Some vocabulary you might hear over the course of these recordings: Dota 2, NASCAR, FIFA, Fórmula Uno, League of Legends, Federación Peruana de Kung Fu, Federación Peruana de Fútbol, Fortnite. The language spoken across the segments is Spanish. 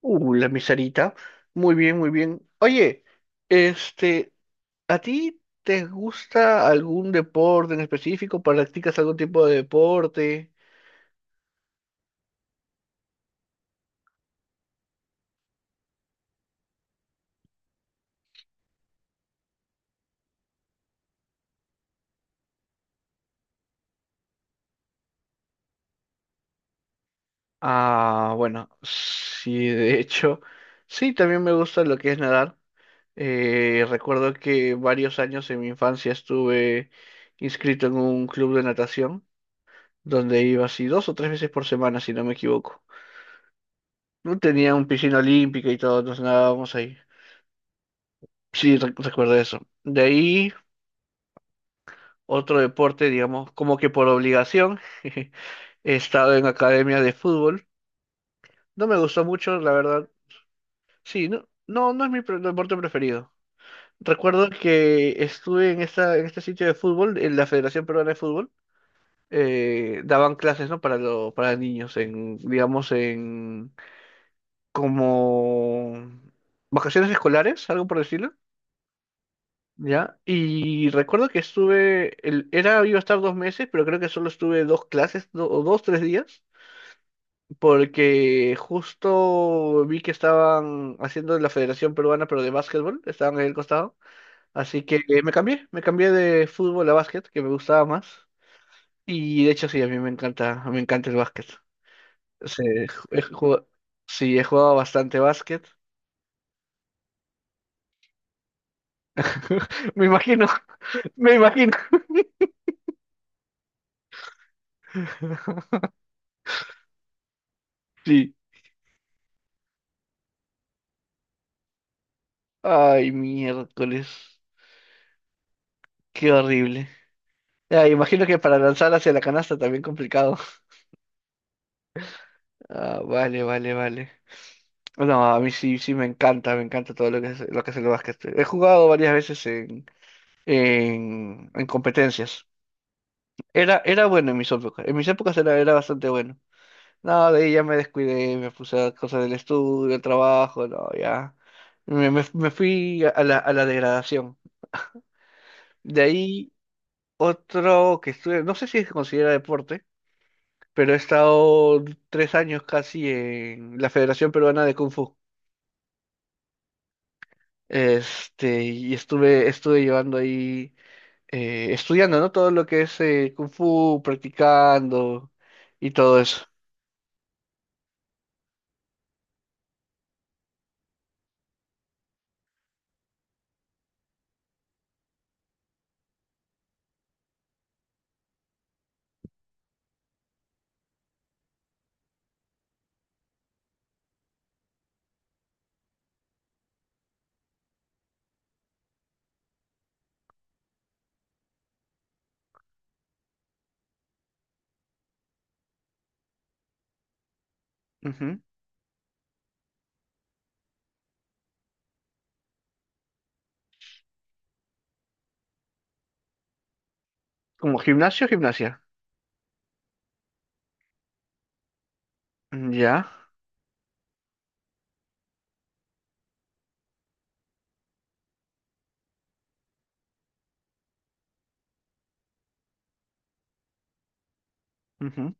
La miserita. Muy bien, muy bien. Oye, este, ¿a ti te gusta algún deporte en específico? ¿Practicas algún tipo de deporte? Ah, bueno, sí, de hecho, sí, también me gusta lo que es nadar. Recuerdo que varios años en mi infancia estuve inscrito en un club de natación, donde iba así dos o tres veces por semana, si no me equivoco. No tenía un piscina olímpica y todos nos nadábamos ahí. Sí, recuerdo eso. De ahí, otro deporte, digamos, como que por obligación. He estado en academia de fútbol. No me gustó mucho, la verdad. Sí, no, no, no es mi deporte preferido. Recuerdo que estuve en este sitio de fútbol, en la Federación Peruana de Fútbol. Daban clases, ¿no? Para para niños, en, digamos, en como vacaciones escolares, algo por decirlo. ¿Ya? Y recuerdo que estuve, iba a estar dos meses, pero creo que solo estuve dos clases, do- o dos, tres días, porque justo vi que estaban haciendo la Federación Peruana, pero de básquetbol, estaban ahí al costado, así que me cambié de fútbol a básquet, que me gustaba más, y de hecho sí, a mí me encanta el básquet. Sí, he jugado, sí, he jugado bastante básquet, me imagino, me imagino. Sí. Ay, miércoles. Qué horrible. Ya, imagino que para lanzar hacia la canasta también complicado. Ah, vale, vale, vale. No, a mí sí, sí me encanta todo lo que es el básquet. He jugado varias veces en competencias. Era, era bueno en mis épocas. En mis épocas era, era bastante bueno. No, de ahí ya me descuidé, me puse a cosas del estudio, el trabajo, no, ya. Me fui a la degradación. De ahí otro que estuve, no sé si se considera deporte, pero he estado tres años casi en la Federación Peruana de Kung Fu. Este, y estuve, estuve llevando ahí, estudiando, ¿no? Todo lo que es Kung Fu, practicando y todo eso. Ujú. Como gimnasio, gimnasia. Mm, ya. Ujú.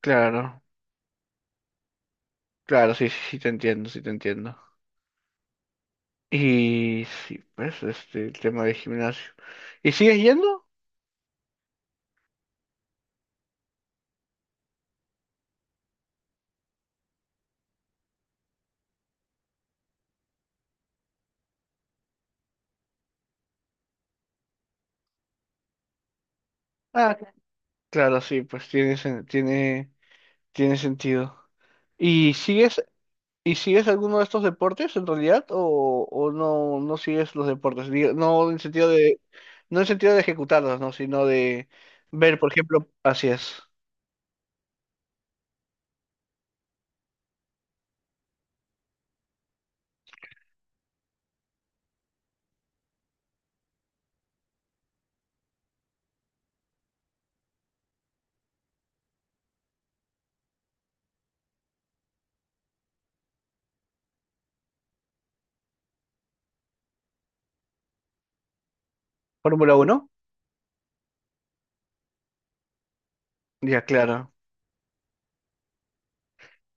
Claro, claro, sí, sí, sí, te entiendo, sí, te entiendo. Y sí, pues, este, el tema de gimnasio. ¿Y sigues yendo? Ah, claro, sí, pues tiene, tiene, tiene sentido. ¿Y sigues ¿Y sigues alguno de estos deportes en realidad o no, no sigues los deportes? Digo, no en sentido no en sentido de ejecutarlos, ¿no? Sino de ver, por ejemplo, así es. Fórmula Uno, ya, claro.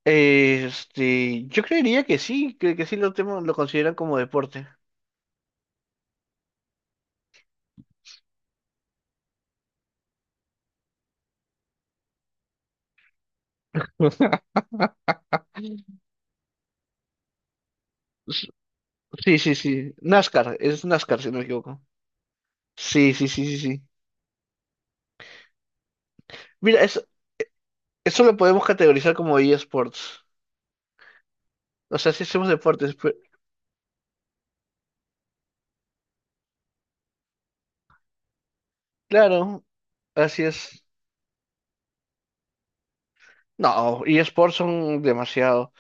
Este, yo creería que sí lo consideran como deporte. Sí, sí, sí. NASCAR, es NASCAR si no me equivoco. Sí, sí, sí, sí, sí. Mira, eso lo podemos categorizar como eSports. O sea, si hacemos deportes, pero- claro, así es. No, eSports son demasiado.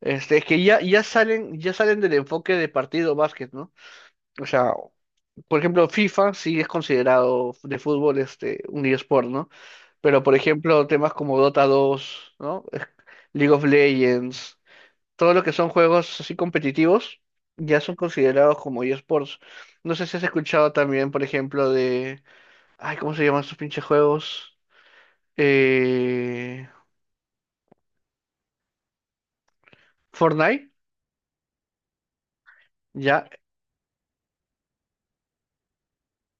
Este, es que ya, ya salen del enfoque de partido básquet, ¿no? O sea, por ejemplo, FIFA sí es considerado de fútbol este, un eSport, ¿no? Pero por ejemplo, temas como Dota 2, ¿no? League of Legends, todo lo que son juegos así competitivos, ya son considerados como eSports. No sé si has escuchado también, por ejemplo, de. Ay, ¿cómo se llaman esos pinches juegos? Eh, Fortnite. Ya,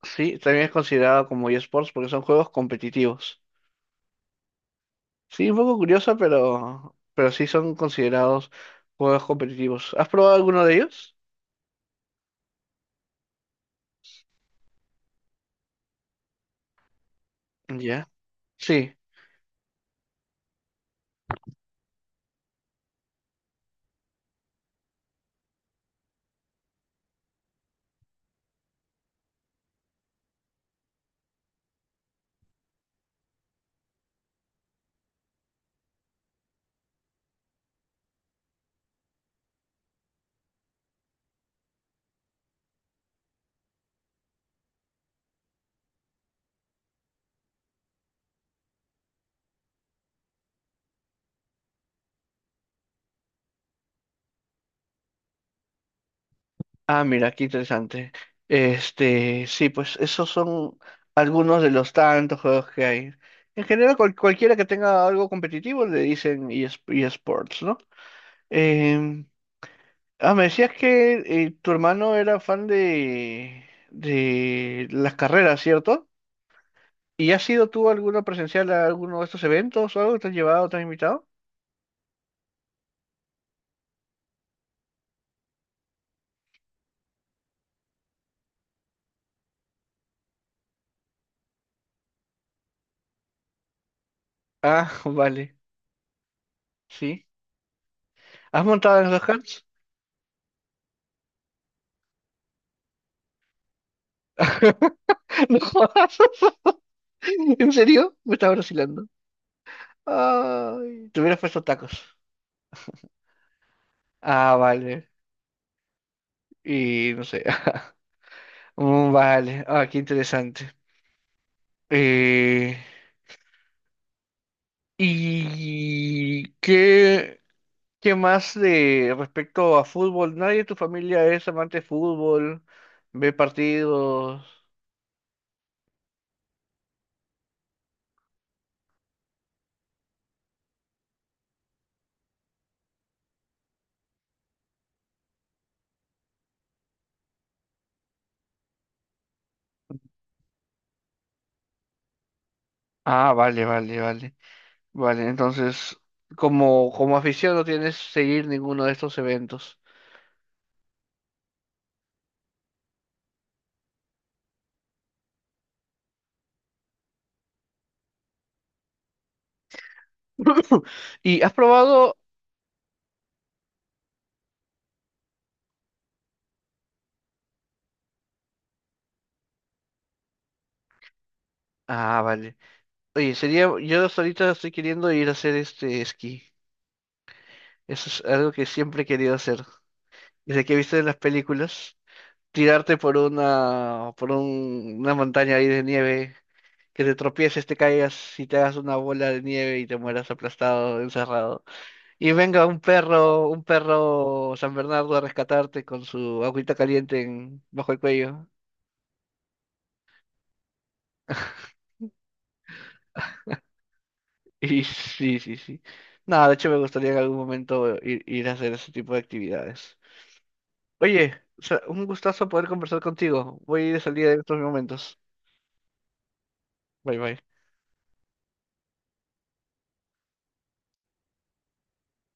sí, también es considerado como eSports porque son juegos competitivos. Sí, un poco curioso, pero sí son considerados juegos competitivos. ¿Has probado alguno de ellos? Ya. Sí. Ah, mira, qué interesante. Este, sí, pues esos son algunos de los tantos juegos que hay. En general, cualquiera que tenga algo competitivo le dicen ES eSports, ¿no? Em, ah, me decías que tu hermano era fan de las carreras, ¿cierto? ¿Y has ido tú alguno presencial a alguno de estos eventos o algo? ¿Te has llevado, te has invitado? Ah, vale, sí. ¿Has montado en los carts? No jodas. ¿En serio? Me estaba vacilando. Ay, te hubieras puesto tacos. Ah, vale. Y no sé. Mm, vale. Ah, qué interesante. Eh, ¿Y qué, qué más de respecto a fútbol? ¿Nadie de tu familia es amante de fútbol? ¿Ve partidos? Ah, vale, vale, vale. Vale, entonces, como, como afición no tienes que seguir ninguno de estos eventos. ¿Y has probado? Ah, vale. Oye, sería, yo hasta ahorita estoy queriendo ir a hacer este esquí. Eso es algo que siempre he querido hacer. Desde que he visto en las películas, tirarte por una, por una montaña ahí de nieve, que te tropieces, te caigas y te hagas una bola de nieve y te mueras aplastado, encerrado. Y venga un perro San Bernardo a rescatarte con su agüita caliente bajo el cuello. Y sí, sí, sí. Nada, de hecho me gustaría en algún momento ir, ir a hacer ese tipo de actividades. Oye, o sea, un gustazo poder conversar contigo. Voy de salida en estos momentos. Bye bye.